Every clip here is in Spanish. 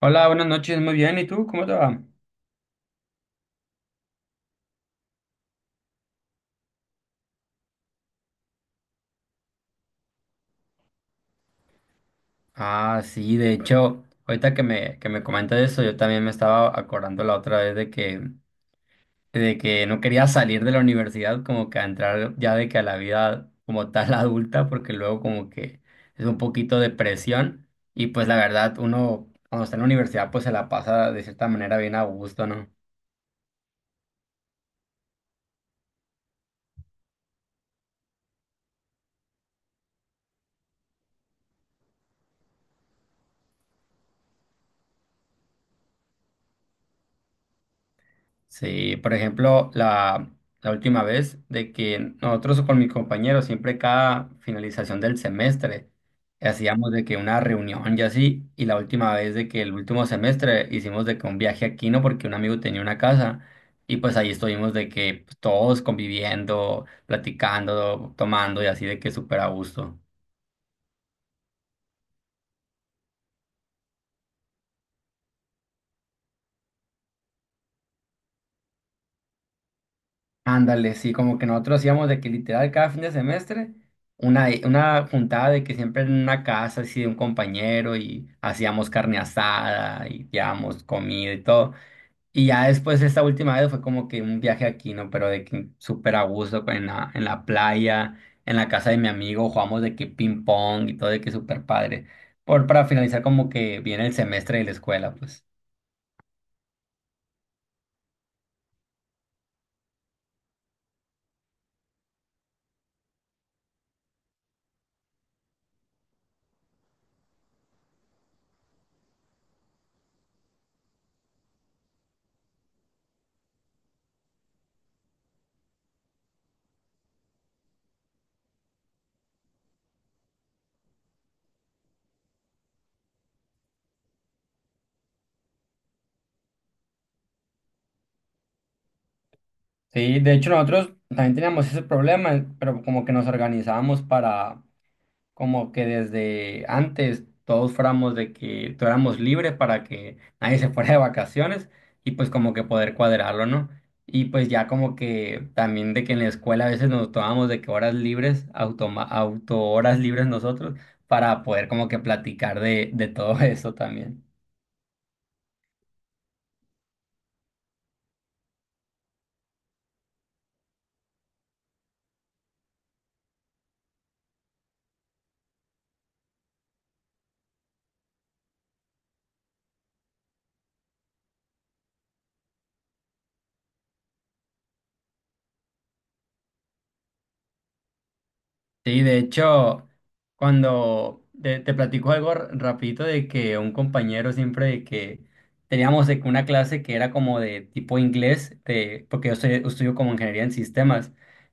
Hola, buenas noches, muy bien. ¿Y tú? ¿Cómo te va? Ah, sí, de hecho, ahorita que me comentas eso, yo también me estaba acordando la otra vez de que no quería salir de la universidad, como que a entrar ya de que a la vida como tal adulta, porque luego como que es un poquito de presión y pues la verdad uno cuando está en la universidad pues se la pasa de cierta manera bien a gusto, ¿no? Sí, por ejemplo, la última vez de que nosotros con mis compañeros, siempre cada finalización del semestre, hacíamos de que una reunión y así, y la última vez de que el último semestre hicimos de que un viaje a Quino porque un amigo tenía una casa, y pues ahí estuvimos de que pues, todos conviviendo, platicando, tomando y así de que súper a gusto. Ándale, sí, como que nosotros hacíamos de que literal cada fin de semestre una juntada de que siempre en una casa así de un compañero y hacíamos carne asada y llevábamos comida y todo. Y ya después esta última vez fue como que un viaje aquí, ¿no? Pero de que súper a gusto en la playa, en la casa de mi amigo, jugamos de que ping pong y todo de que súper padre. Para finalizar como que viene el semestre de la escuela, pues. Sí, de hecho nosotros también teníamos ese problema, pero como que nos organizábamos para como que desde antes todos fuéramos de que tuviéramos libre para que nadie se fuera de vacaciones y pues como que poder cuadrarlo, ¿no? Y pues ya como que también de que en la escuela a veces nos tomábamos de que horas libres, auto horas libres nosotros, para poder como que platicar de todo eso también. Sí, de hecho, cuando te platico algo rapidito de que un compañero siempre de que teníamos de que una clase que era como de tipo inglés, de, porque yo estudio como ingeniería en sistemas,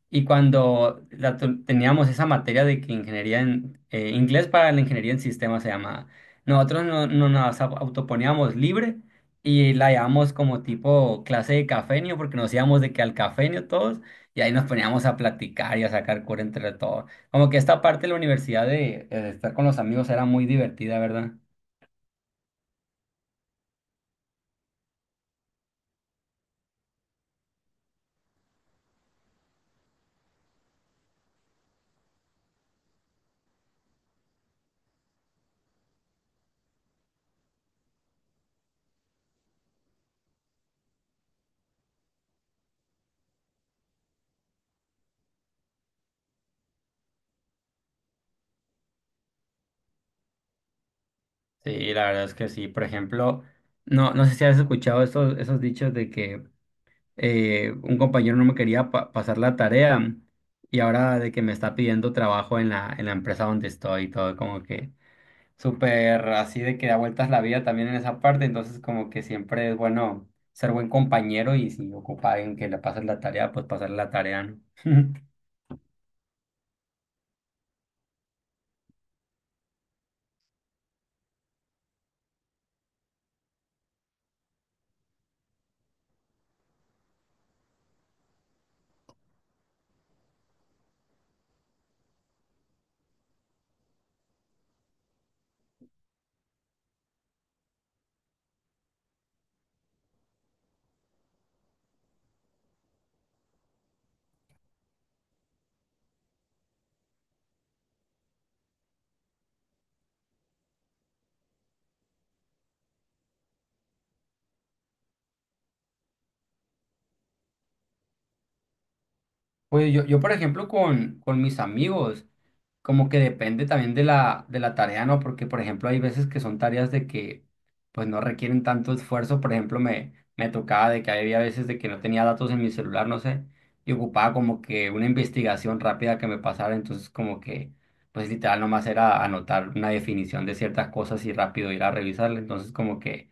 y cuando la teníamos esa materia de que ingeniería en inglés para la ingeniería en sistemas se llamaba, nosotros no autoponíamos libre y la llamamos como tipo clase de cafenio, porque nos íbamos de que al cafenio todos. Y ahí nos poníamos a platicar y a sacar cura entre todos. Como que esta parte de la universidad de estar con los amigos era muy divertida, ¿verdad? Sí, la verdad es que sí. Por ejemplo, no sé si has escuchado esos dichos de que un compañero no me quería pasar la tarea y ahora de que me está pidiendo trabajo en la empresa donde estoy y todo, como que súper así de que da vueltas la vida también en esa parte. Entonces, como que siempre es bueno ser buen compañero y si ocupa a alguien que le pasen la tarea, pues pasarle la tarea, ¿no? Pues yo, por ejemplo, con mis amigos, como que depende también de de la tarea, ¿no? Porque, por ejemplo, hay veces que son tareas de que, pues, no requieren tanto esfuerzo. Por ejemplo, me tocaba de que había veces de que no tenía datos en mi celular, no sé, y ocupaba como que una investigación rápida que me pasara. Entonces, como que, pues, literal, nomás era anotar una definición de ciertas cosas y rápido ir a revisarla. Entonces, como que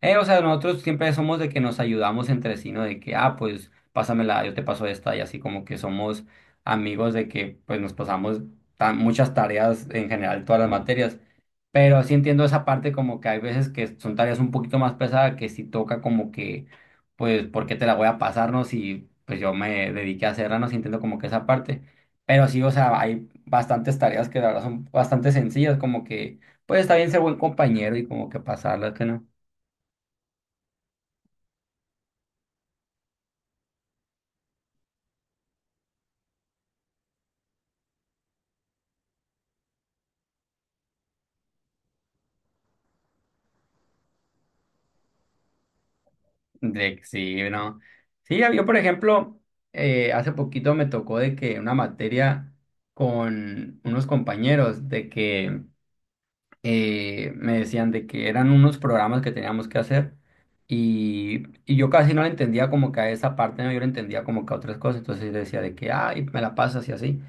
o sea, nosotros siempre somos de que nos ayudamos entre sí, ¿no? De que, ah, pues pásamela, yo te paso esta, y así como que somos amigos de que pues nos pasamos tan, muchas tareas en general, todas las materias. Pero sí entiendo esa parte como que hay veces que son tareas un poquito más pesadas que sí toca como que, pues, ¿por qué te la voy a pasarnos? Y pues yo me dediqué a hacerla, no sí entiendo como que esa parte. Pero sí, o sea, hay bastantes tareas que la verdad son bastante sencillas, como que, pues está bien ser buen compañero y como que pasarlas, que no. De, sí, no. Sí, por ejemplo, hace poquito me tocó de que una materia con unos compañeros de que me decían de que eran unos programas que teníamos que hacer y yo casi no la entendía como que a esa parte, ¿no? Yo la entendía como que a otras cosas, entonces yo decía de que, ay, me la pasas y así.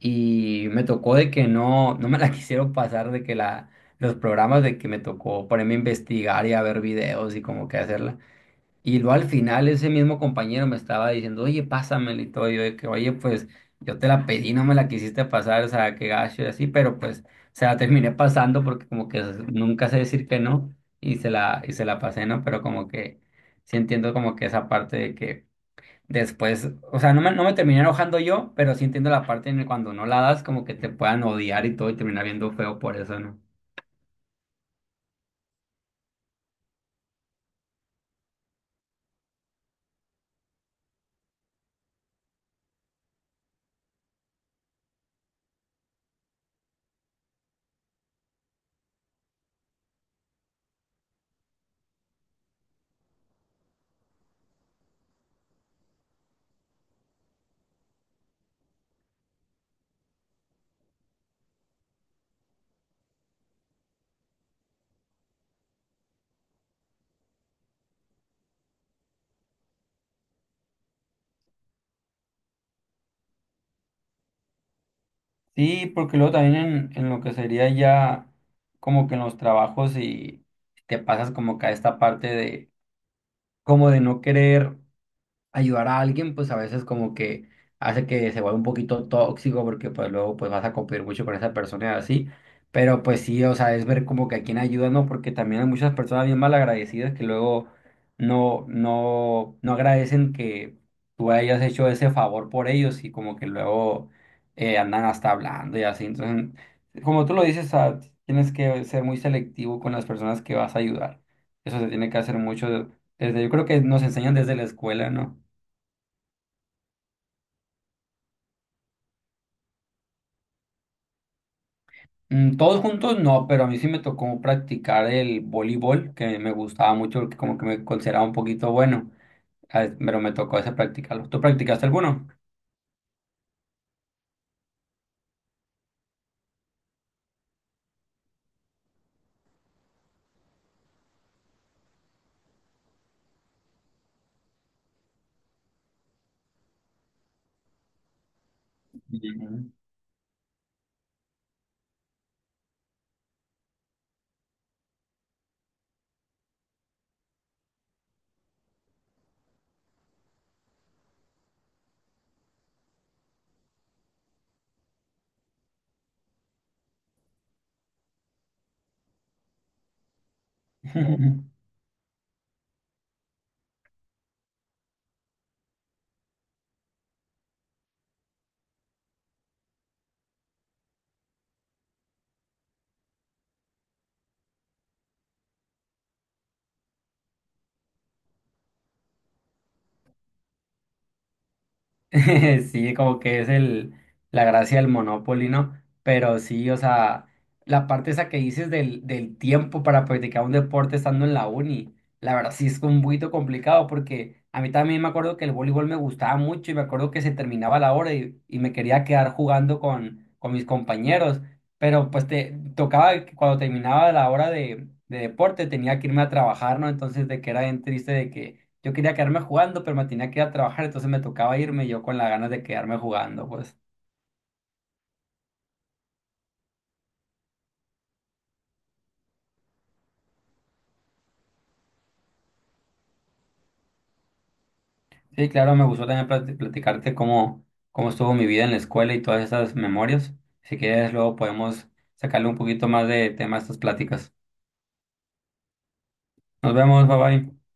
Y me tocó de que no me la quisieron pasar, de que la, los programas de que me tocó ponerme a investigar y a ver videos y como que hacerla. Y luego al final ese mismo compañero me estaba diciendo, oye, pásamela y todo, y yo de que, oye, pues yo te la pedí, no me la quisiste pasar, o sea, qué gacho y así, pero pues se la terminé pasando porque como que nunca sé decir que no y se la, y se la pasé, ¿no? Pero como que sí entiendo como que esa parte de que después, o sea, no no me terminé enojando yo, pero sí entiendo la parte en el cuando no la das como que te puedan odiar y todo y terminar viendo feo por eso, ¿no? Sí, porque luego también en lo que sería ya como que en los trabajos y te pasas como que a esta parte de como de no querer ayudar a alguien, pues a veces como que hace que se vuelva un poquito tóxico porque pues luego pues vas a competir mucho con esa persona y así. Pero pues sí, o sea, es ver como que a quién ayuda, ¿no? Porque también hay muchas personas bien malagradecidas que luego no agradecen que tú hayas hecho ese favor por ellos y como que luego andan hasta hablando y así. Entonces, como tú lo dices, o sea, tienes que ser muy selectivo con las personas que vas a ayudar. Eso se tiene que hacer mucho desde, yo creo que nos enseñan desde la escuela, ¿no? Todos juntos no, pero a mí sí me tocó practicar el voleibol, que me gustaba mucho, porque como que me consideraba un poquito bueno, ah, pero me tocó ese practicarlo. ¿Tú practicaste alguno? Ujú. Sí, como que es el, la gracia del Monopoly, ¿no? Pero sí, o sea, la parte esa que dices del tiempo para practicar un deporte estando en la uni, la verdad sí es un poquito complicado porque a mí también me acuerdo que el voleibol me gustaba mucho y me acuerdo que se terminaba la hora y me quería quedar jugando con mis compañeros, pero pues te tocaba que cuando terminaba la hora de deporte tenía que irme a trabajar, ¿no? Entonces de que era bien triste de que yo quería quedarme jugando, pero me tenía que ir a trabajar, entonces me tocaba irme y yo con las ganas de quedarme jugando, pues. Sí, claro, me gustó también platicarte cómo, cómo estuvo mi vida en la escuela y todas esas memorias. Si quieres, luego podemos sacarle un poquito más de tema a estas pláticas. Nos vemos, bye bye.